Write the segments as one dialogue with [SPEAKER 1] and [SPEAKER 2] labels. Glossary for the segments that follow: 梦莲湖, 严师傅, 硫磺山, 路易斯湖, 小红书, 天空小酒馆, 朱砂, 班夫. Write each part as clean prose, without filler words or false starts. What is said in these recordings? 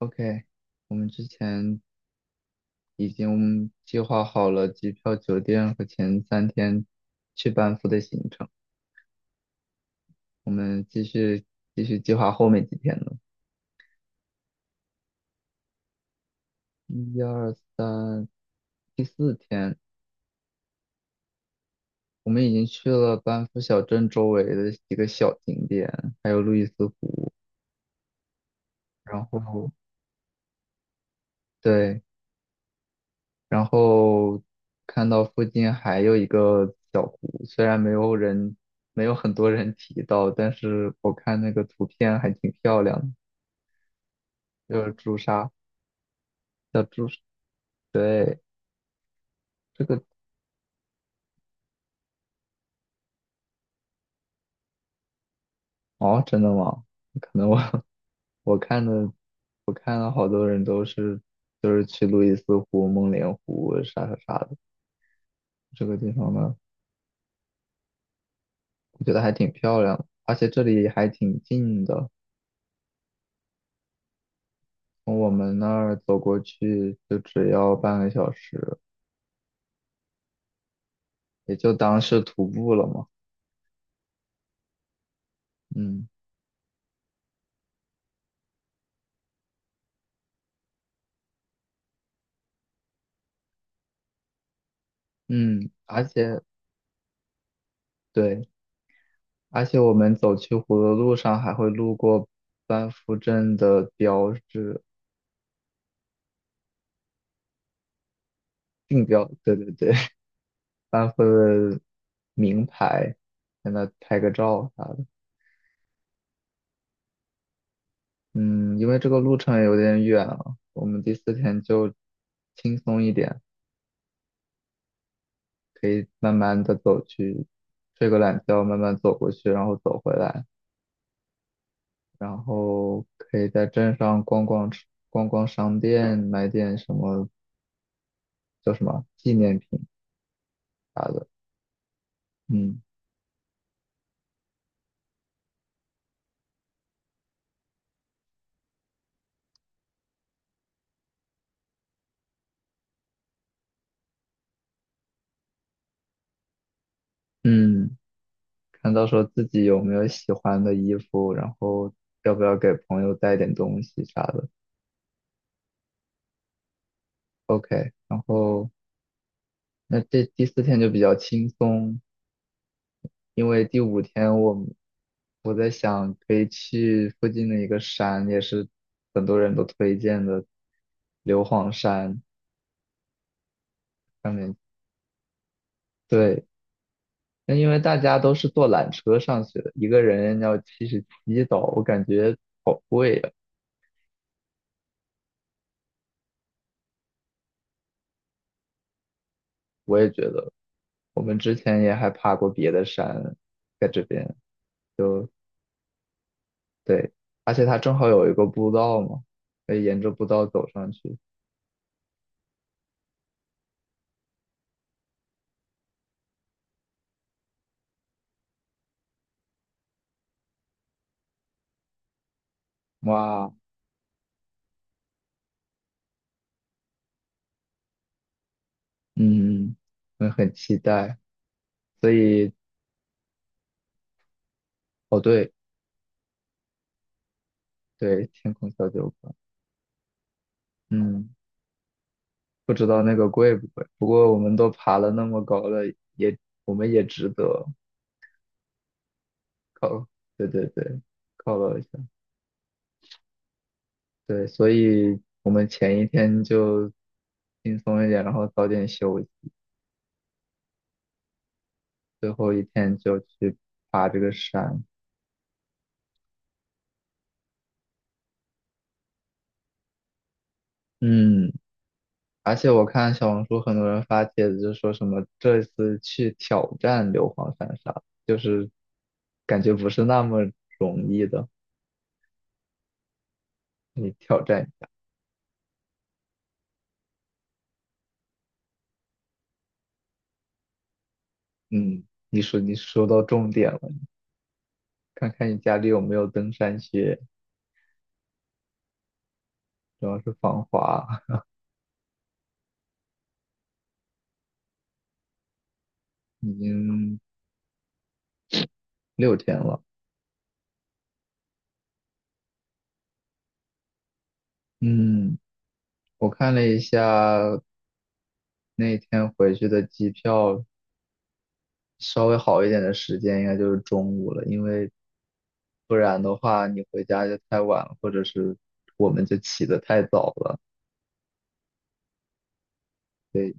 [SPEAKER 1] OK，我们之前已经计划好了机票、酒店和前3天去班夫的行程，我们继续计划后面几天的。一二三，第四天，我们已经去了班夫小镇周围的几个小景点，还有路易斯湖。然后，对，然后看到附近还有一个小湖，虽然没有人，没有很多人提到，但是我看那个图片还挺漂亮的，就是朱砂，叫朱砂，对，这个，哦，真的吗？可能我 我看的，我看了好多人都是，就是去路易斯湖、梦莲湖啥啥啥的，这个地方呢，我觉得还挺漂亮的，而且这里还挺近的。从我们那儿走过去就只要半个小时，也就当是徒步了嘛。嗯嗯，而且对，而且我们走去湖的路上还会路过班夫镇的标志，定标，对对对，班夫的名牌，在那拍个照啥的。嗯，因为这个路程有点远了，我们第四天就轻松一点，可以慢慢的走去，睡个懒觉，慢慢走过去，然后走回来。然后可以在镇上逛逛商店，买点什么叫什么纪念品啥的。嗯嗯，看到时候自己有没有喜欢的衣服，然后要不要给朋友带点东西啥的。OK，然后那这第四天就比较轻松，因为第五天我在想可以去附近的一个山，也是很多人都推荐的硫磺山上面。对，那因为大家都是坐缆车上去的，一个人要77刀，我感觉好贵呀、我也觉得，我们之前也还爬过别的山，在这边就对，而且它正好有一个步道嘛，可以沿着步道走上去。哇，嗯，我很期待。所以，哦对对，天空小酒馆，嗯，不知道那个贵不贵，不过我们都爬了那么高了，也我们也值得犒，对对对，犒劳一下。对，所以我们前一天就轻松一点，然后早点休息，最后一天就去爬这个山。嗯，而且我看小红书很多人发帖子，就说什么这次去挑战硫磺山啥，就是感觉不是那么容易的。你挑战一下嗯，你说到重点了，看看你家里有没有登山靴，主要是防滑。已经6天了，嗯。我看了一下那天回去的机票稍微好一点的时间应该就是中午了，因为不然的话你回家就太晚了，或者是我们就起得太早了。对，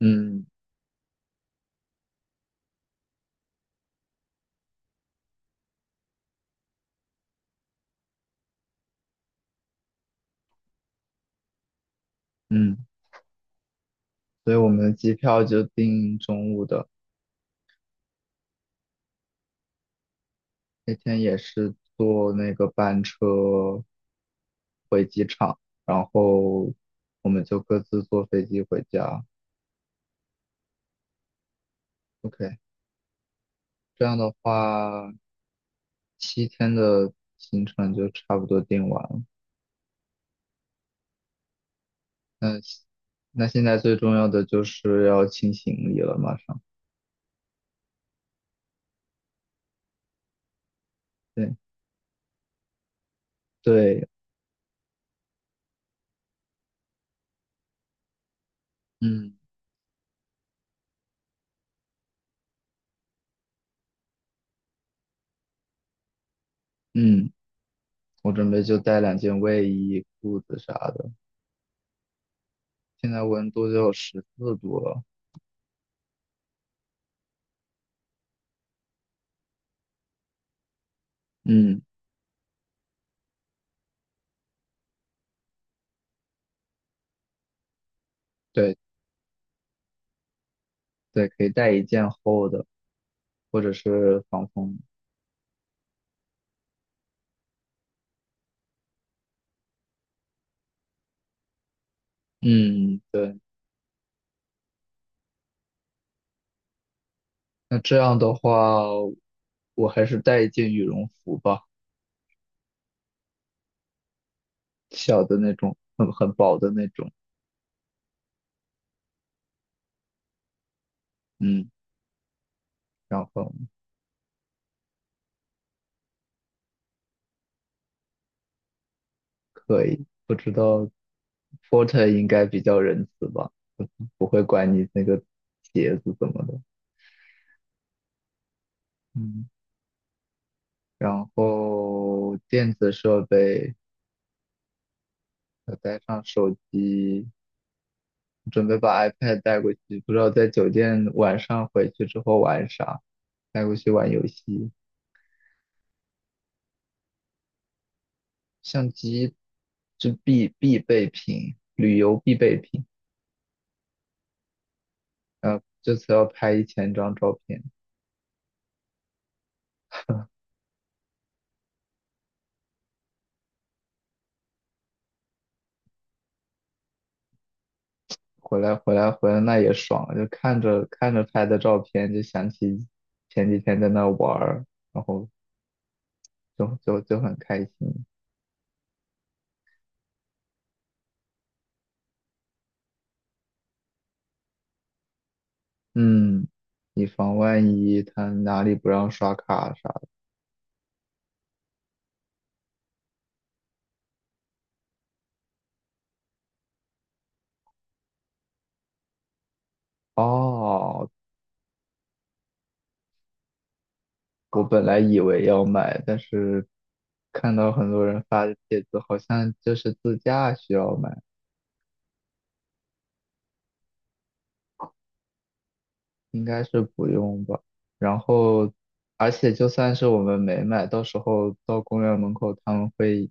[SPEAKER 1] 嗯嗯，所以我们的机票就订中午的。那天也是坐那个班车场，然后我们就各自坐飞机回家。OK，这样的话，7天的行程就差不多定完了。那那现在最重要的就是要清行李了，马上。对对，嗯嗯，我准备就带2件卫衣、裤子啥的。现在温度就有14度了。嗯，对对，可以带一件厚的，或者是防风。嗯，对。那这样的话，我还是带一件羽绒服吧，小的那种，很薄的那种。嗯，然后可以，不知道 porter 应该比较仁慈吧。不会管你那个鞋子怎么的。嗯，然后电子设备，要带上手机，准备把 iPad 带过去，不知道在酒店晚上回去之后玩啥，带过去玩游戏。相机是必备品，旅游必备品。这次要拍1000张照片，回来那也爽，就看着看着拍的照片，就想起前几天在那玩儿，然后就很开心。嗯，以防万一他哪里不让刷卡啥的。哦，我本来以为要买，但是看到很多人发的帖子，好像就是自驾需要买，应该是不用吧。然后，而且就算是我们没买，到时候到公园门口他们会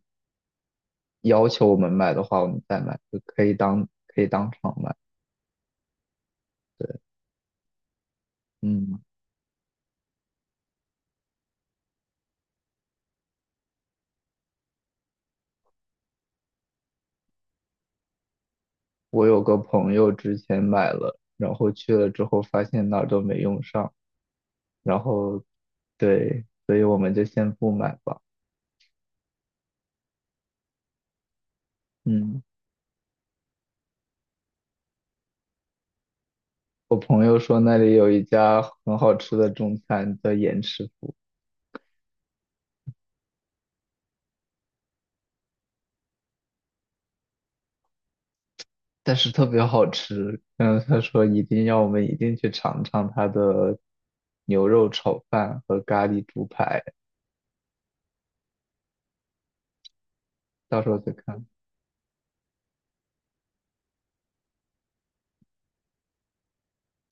[SPEAKER 1] 要求我们买的话，我们再买，就可以当场买。对，嗯，我有个朋友之前买了，然后去了之后发现哪儿都没用上。然后对，所以我们就先不买吧。嗯，我朋友说那里有一家很好吃的中餐叫严师傅，但是特别好吃。嗯，他说一定要我们一定去尝尝他的牛肉炒饭和咖喱猪排，到时候再看。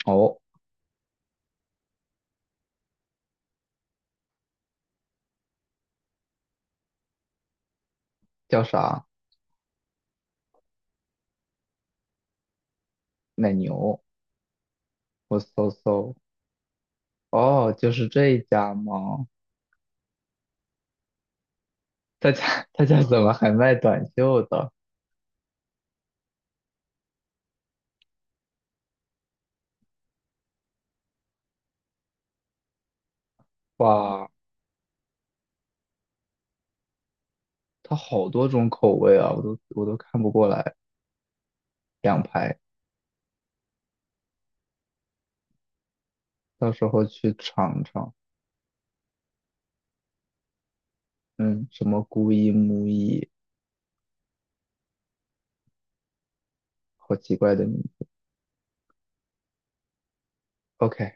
[SPEAKER 1] 哦，叫啥？奶牛？我搜搜。哦，就是这一家吗？他家 他家怎么还卖短袖的？哇，它好多种口味啊，我都看不过来。两排，到时候去尝尝。嗯，什么姑姨、母姨，好奇怪的名字。OK，